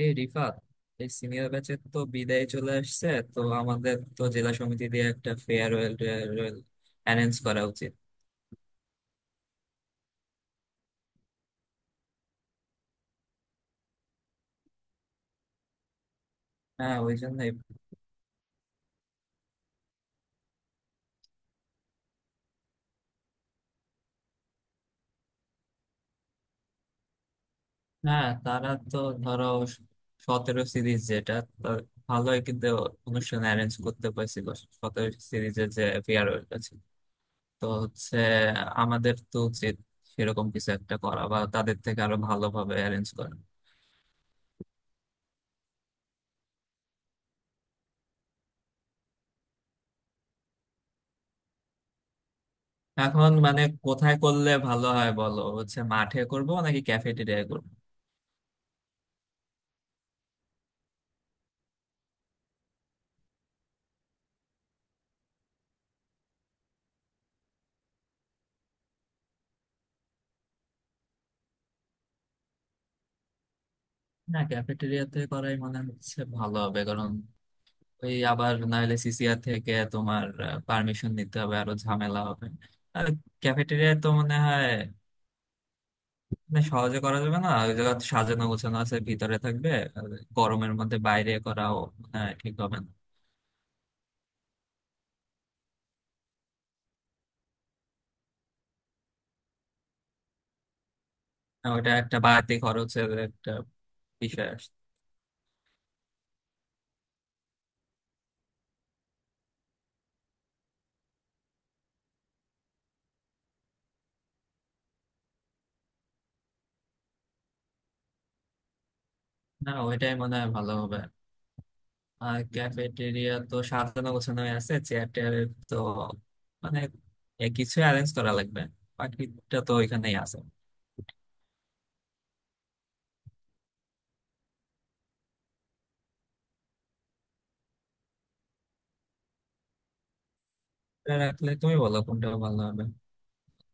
এই রিফাত, এই সিনিয়র ব্যাচের তো বিদায় চলে আসছে। তো আমাদের তো জেলা সমিতি দিয়ে একটা ফেয়ারওয়েল টেয়ারওয়েল অ্যারেঞ্জ করা উচিত। হ্যাঁ, ওই জন্যই। হ্যাঁ, তারা তো ধরো 17 সিরিজ যেটা, তার ভালোই কিন্তু অনুষ্ঠান অ্যারেঞ্জ করতে পারছিল, 17 সিরিজের যে ফেয়ারওয়েলটা ছিল। তো হচ্ছে আমাদের তো উচিত সেরকম কিছু একটা করা বা তাদের থেকে আরো ভালোভাবে অ্যারেঞ্জ করা। এখন মানে কোথায় করলে ভালো হয় বলো, হচ্ছে মাঠে করবো নাকি ক্যাফেটেরিয়ায় করবো? না, ক্যাফেটেরিয়াতে করাই মনে হচ্ছে ভালো হবে, কারণ ওই আবার নাহলে সিসিআর থেকে তোমার পারমিশন নিতে হবে, আরো ঝামেলা হবে। আর ক্যাফেটেরিয়া তো মনে হয় মানে সহজে করা যাবে না, ওই জায়গা সাজানো গোছানো আছে, ভিতরে থাকবে। আর গরমের মধ্যে বাইরে করাও মনে হয় ঠিক হবে না। আর ওটা একটা বাড়তি খরচের একটা বিষয় আসছে। না, ওইটাই মনে হয় ভালো হবে। আর ক্যাফেটেরিয়া তো সাজানো গোছানো হয়ে আছে, চেয়ার টেয়ারের তো মানে এ কিছু অ্যারেঞ্জ করা লাগবে, বাকিটা তো ওইখানেই আছে। এটা রাখলে তুমি বলো কোনটা ভালো হবে।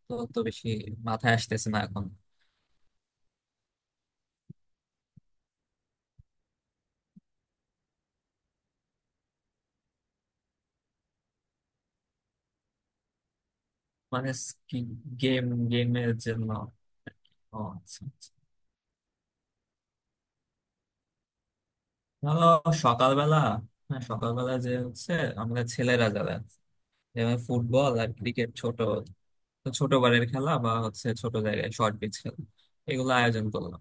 তো তো বেশি মাথায় আসতেছে না এখন। মানে গেম, গেমের জন্য। ও আচ্ছা আচ্ছা। ধরো সকালবেলা, হ্যাঁ সকালবেলা যে হচ্ছে আমরা ছেলেরা যারা আছে, যেমন ফুটবল আর ক্রিকেট, ছোট ছোট বারের খেলা বা হচ্ছে ছোট জায়গায় শর্ট পিচ খেলা, এগুলো আয়োজন করলাম।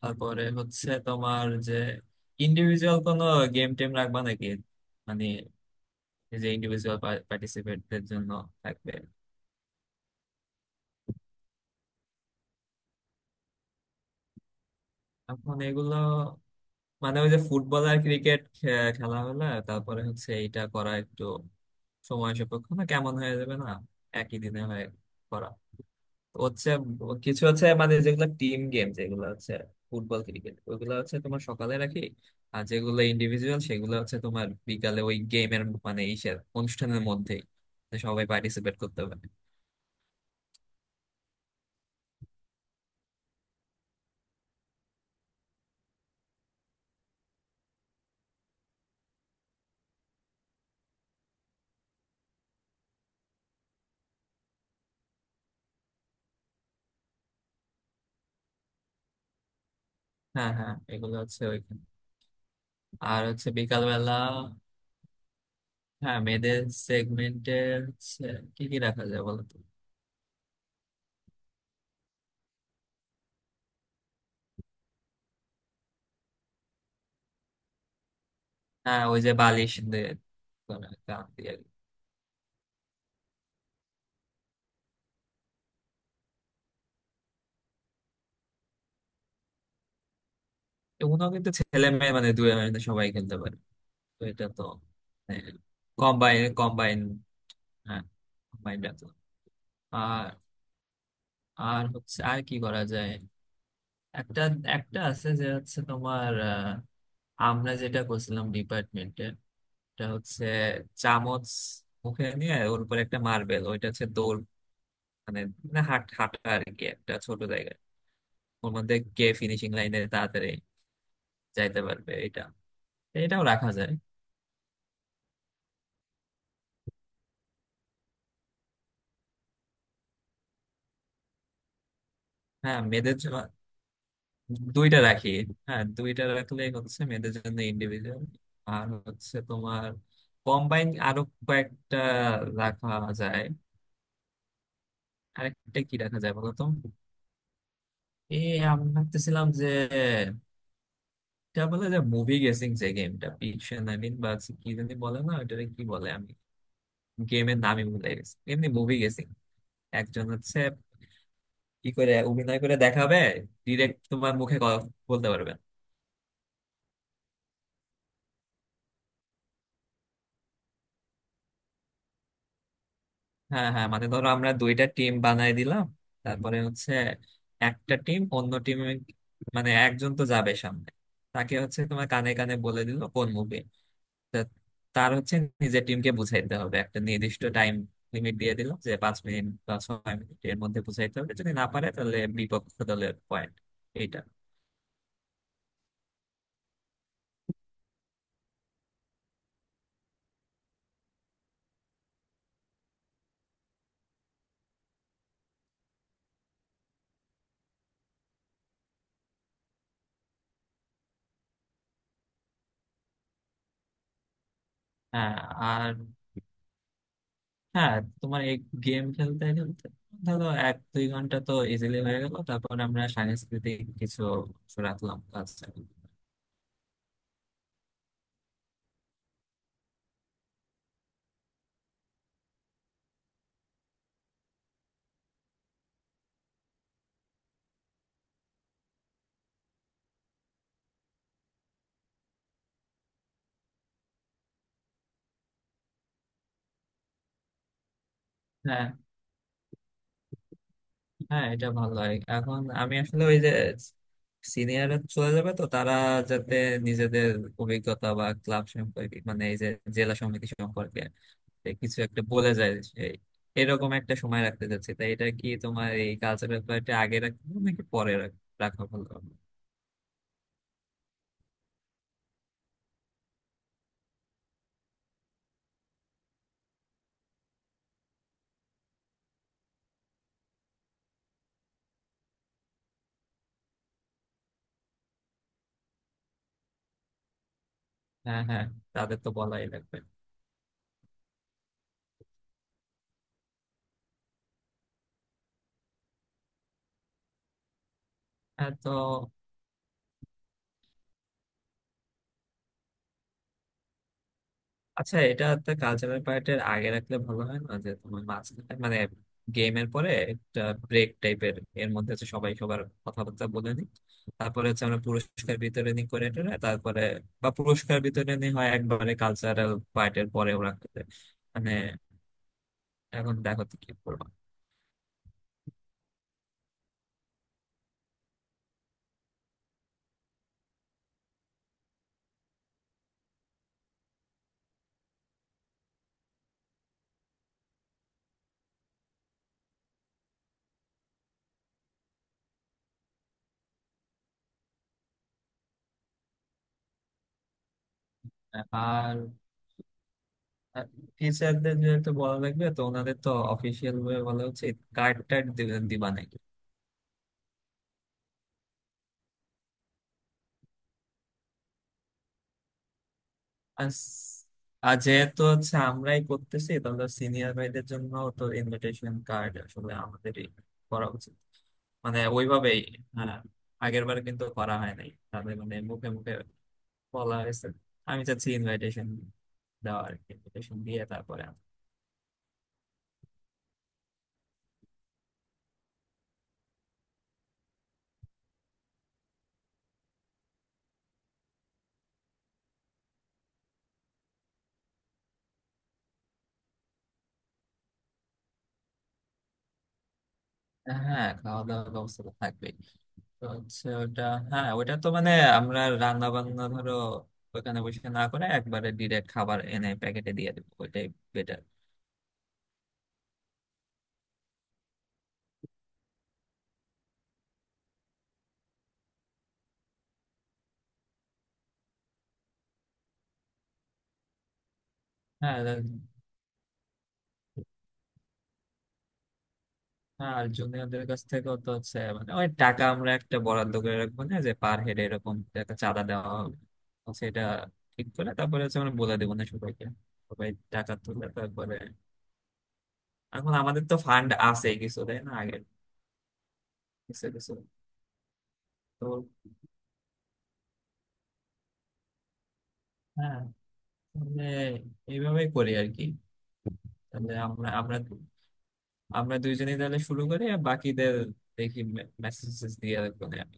তারপরে হচ্ছে তোমার যে ইন্ডিভিজুয়াল কোনো গেম টেম রাখবা নাকি, মানে এই যে ইন্ডিভিজুয়াল পার্টিসিপেটদের জন্য থাকবে। এখন এগুলো মানে ওই যে ফুটবল আর ক্রিকেট খেলা হলে তারপরে হচ্ছে এইটা করা একটু সময় সাপেক্ষ না, কেমন হয়ে যাবে না একই দিনে হয়ে করা। হচ্ছে কিছু হচ্ছে মানে যেগুলো টিম গেম, যেগুলো হচ্ছে ফুটবল ক্রিকেট, ওগুলো হচ্ছে তোমার সকালে রাখি। আর যেগুলো ইন্ডিভিজুয়াল সেগুলো হচ্ছে তোমার বিকালে ওই গেমের মানে ইসের অনুষ্ঠানের মধ্যেই, তো সবাই পার্টিসিপেট করতে পারে। হ্যাঁ হ্যাঁ, এগুলো হচ্ছে ওইখানে। আর হচ্ছে বিকাল বেলা, হ্যাঁ মেয়েদের সেগমেন্টে হচ্ছে কি কি রাখা যায় বলো তো? হ্যাঁ, ওই যে বালিশ দিয়ে করা, গান দিয়ে। এগুলো কিন্তু ছেলে মেয়ে মানে দুই মানে সবাই খেলতে পারে, তো এটা তো কম্বাইন কম্বাইন, হ্যাঁ কম্বাইন ডাকলো। আর, আর হচ্ছে আর কি করা যায়। একটা, একটা আছে যে হচ্ছে তোমার আমরা যেটা করছিলাম ডিপার্টমেন্টে, এটা হচ্ছে চামচ মুখে নিয়ে ওর উপর একটা মার্বেল, ওইটা হচ্ছে দৌড়, মানে না হাট হাঁটা আর কি একটা ছোট জায়গায়, ওর মধ্যে কে ফিনিশিং লাইনে তাড়াতাড়ি যাইতে পারবে, এটা, এটাও রাখা যায়। হ্যাঁ মেয়েদের জন্য দুইটা রাখি। হ্যাঁ দুইটা রাখলে হচ্ছে মেয়েদের জন্য ইন্ডিভিজুয়াল, আর হচ্ছে তোমার কম্বাইন আরো কয়েকটা রাখা যায়। আরেকটা কি রাখা যায় বলো তো, এই আমি ভাবতেছিলাম যে এটা বলে যে মুভি গেসিং, যে গেমটা পিকশন আই মিন বা কি জানি বলে না ওটারে, কি বলে আমি গেমের নামই ভুলে গেছি, এমনি মুভি গেসিং। একজন হচ্ছে কি করে অভিনয় করে দেখাবে, ডিরেক্ট তোমার মুখে ক- বলতে পারবে না। হ্যাঁ হ্যাঁ, মানে ধরো আমরা দুইটা টিম বানাই দিলাম, তারপরে হচ্ছে একটা টিম অন্য টিম, মানে একজন তো যাবে সামনে, তাকে হচ্ছে তোমার কানে কানে বলে দিল কোন মুভি, তার হচ্ছে নিজের টিমকে বুঝাইতে হবে, একটা নির্দিষ্ট টাইম লিমিট দিয়ে দিল যে 5 মিনিট বা 6 মিনিট এর মধ্যে বুঝাইতে হবে, যদি না পারে তাহলে বিপক্ষ দলের পয়েন্ট, এইটা। হ্যাঁ, আর, হ্যাঁ তোমার এই গেম খেলতে খেলতে ধরো 1-2 ঘন্টা তো ইজিলি হয়ে গেল, তারপর আমরা সাংস্কৃতিক কিছু অংশ রাখলাম ক্লাসে। হ্যাঁ হ্যাঁ, এটা ভালো হয়। এখন আমি আসলে ওই যে সিনিয়র চলে যাবে তো তারা যাতে নিজেদের অভিজ্ঞতা বা ক্লাব সম্পর্কে, মানে এই যে জেলা সমিতি সম্পর্কে এ কিছু একটা বলে যায় সেই, এরকম একটা সময় রাখতে চাচ্ছি। তাই এটা কি তোমার এই কালচারাল ব্যাপারটা আগে রাখবো নাকি পরে রাখা ভালো হবে? হ্যাঁ হ্যাঁ, তাদের তো বলাই লাগবে। হ্যাঁ তো। আচ্ছা, এটাতে কালচারাল পার্টের আগে রাখলে ভালো হয় না, যে তোমার মাঝখানে মানে গেমের পরে একটা ব্রেক টাইপের, এর মধ্যে হচ্ছে সবাই সবার কথাবার্তা বলে নি, তারপরে হচ্ছে আমরা পুরস্কার বিতরণী করে টোরে তারপরে, বা পুরস্কার বিতরণী হয় একবারে কালচারাল পার্টের পরেও রাখতে দেয়। মানে এখন দেখো তো কি করবো। আর টিচারদের যেহেতু বলা লাগবে, তো ওনাদের তো অফিসিয়াল ভাবে বলা উচিত, কার্ড টার্ড দিবেন দিবা না। আর স- আর যেহেতু হচ্ছে আমরাই করতেছি, তাহলে সিনিয়র ভাইদের জন্য তো ইনভিটেশন কার্ড আসলে আমাদেরই করা উচিত, মানে ওইভাবেই। হ্যাঁ, আগের বার কিন্তু করা হয় নাই তাদের, মানে মুখে মুখে বলা হয়েছে। আমি চাচ্ছি ইনভাইটেশন দেওয়া, আর ইনভিটেশন দিয়ে তারপরে হ্যাঁ খাওয়া দাওয়ার ব্যবস্থা তো থাকবেই। তো হচ্ছে ওটা, হ্যাঁ ওটা তো মানে আমরা রান্না বান্না ধরো ওখানে বসে না করে একবারে ডিরেক্ট খাবার এনে প্যাকেটে দিয়ে দেবো, ওইটাই বেটার। হ্যাঁ। আর জুনিয়রদের কাছ থেকেও তো হচ্ছে মানে অনেক টাকা, আমরা একটা বরাদ্দ করে রাখবো না যে পার হেড এরকম একটা চাঁদা দেওয়া হবে, সেটা ঠিক করে তারপরে হচ্ছে আমরা বলে দেবো না সবাইকে, সবাই টাকা তুলে তারপরে। এখন আমাদের তো ফান্ড আছে কিছু তাই না আগের, কিছু কিছু। তো হ্যাঁ, তাহলে এইভাবেই করি আর কি। তাহলে আমরা আমরা আমরা দুইজনেই তাহলে শুরু করি, আর বাকিদের দেখি, মেসেজ দিয়ে রাখবো না আমি।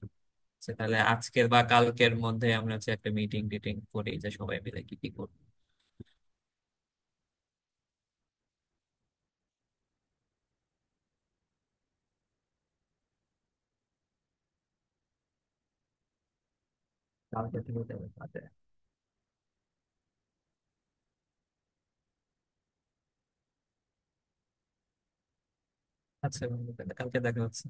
আচ্ছা, তাহলে আজকের বা কালকের মধ্যে আমরা হচ্ছে একটা মিটিং টিটিং করি, যে সবাই মিলে কি কি করবো। কালকে থেকে যাবে কালকে। আচ্ছা বন্ধু, তাহলে কালকে দেখা হচ্ছে।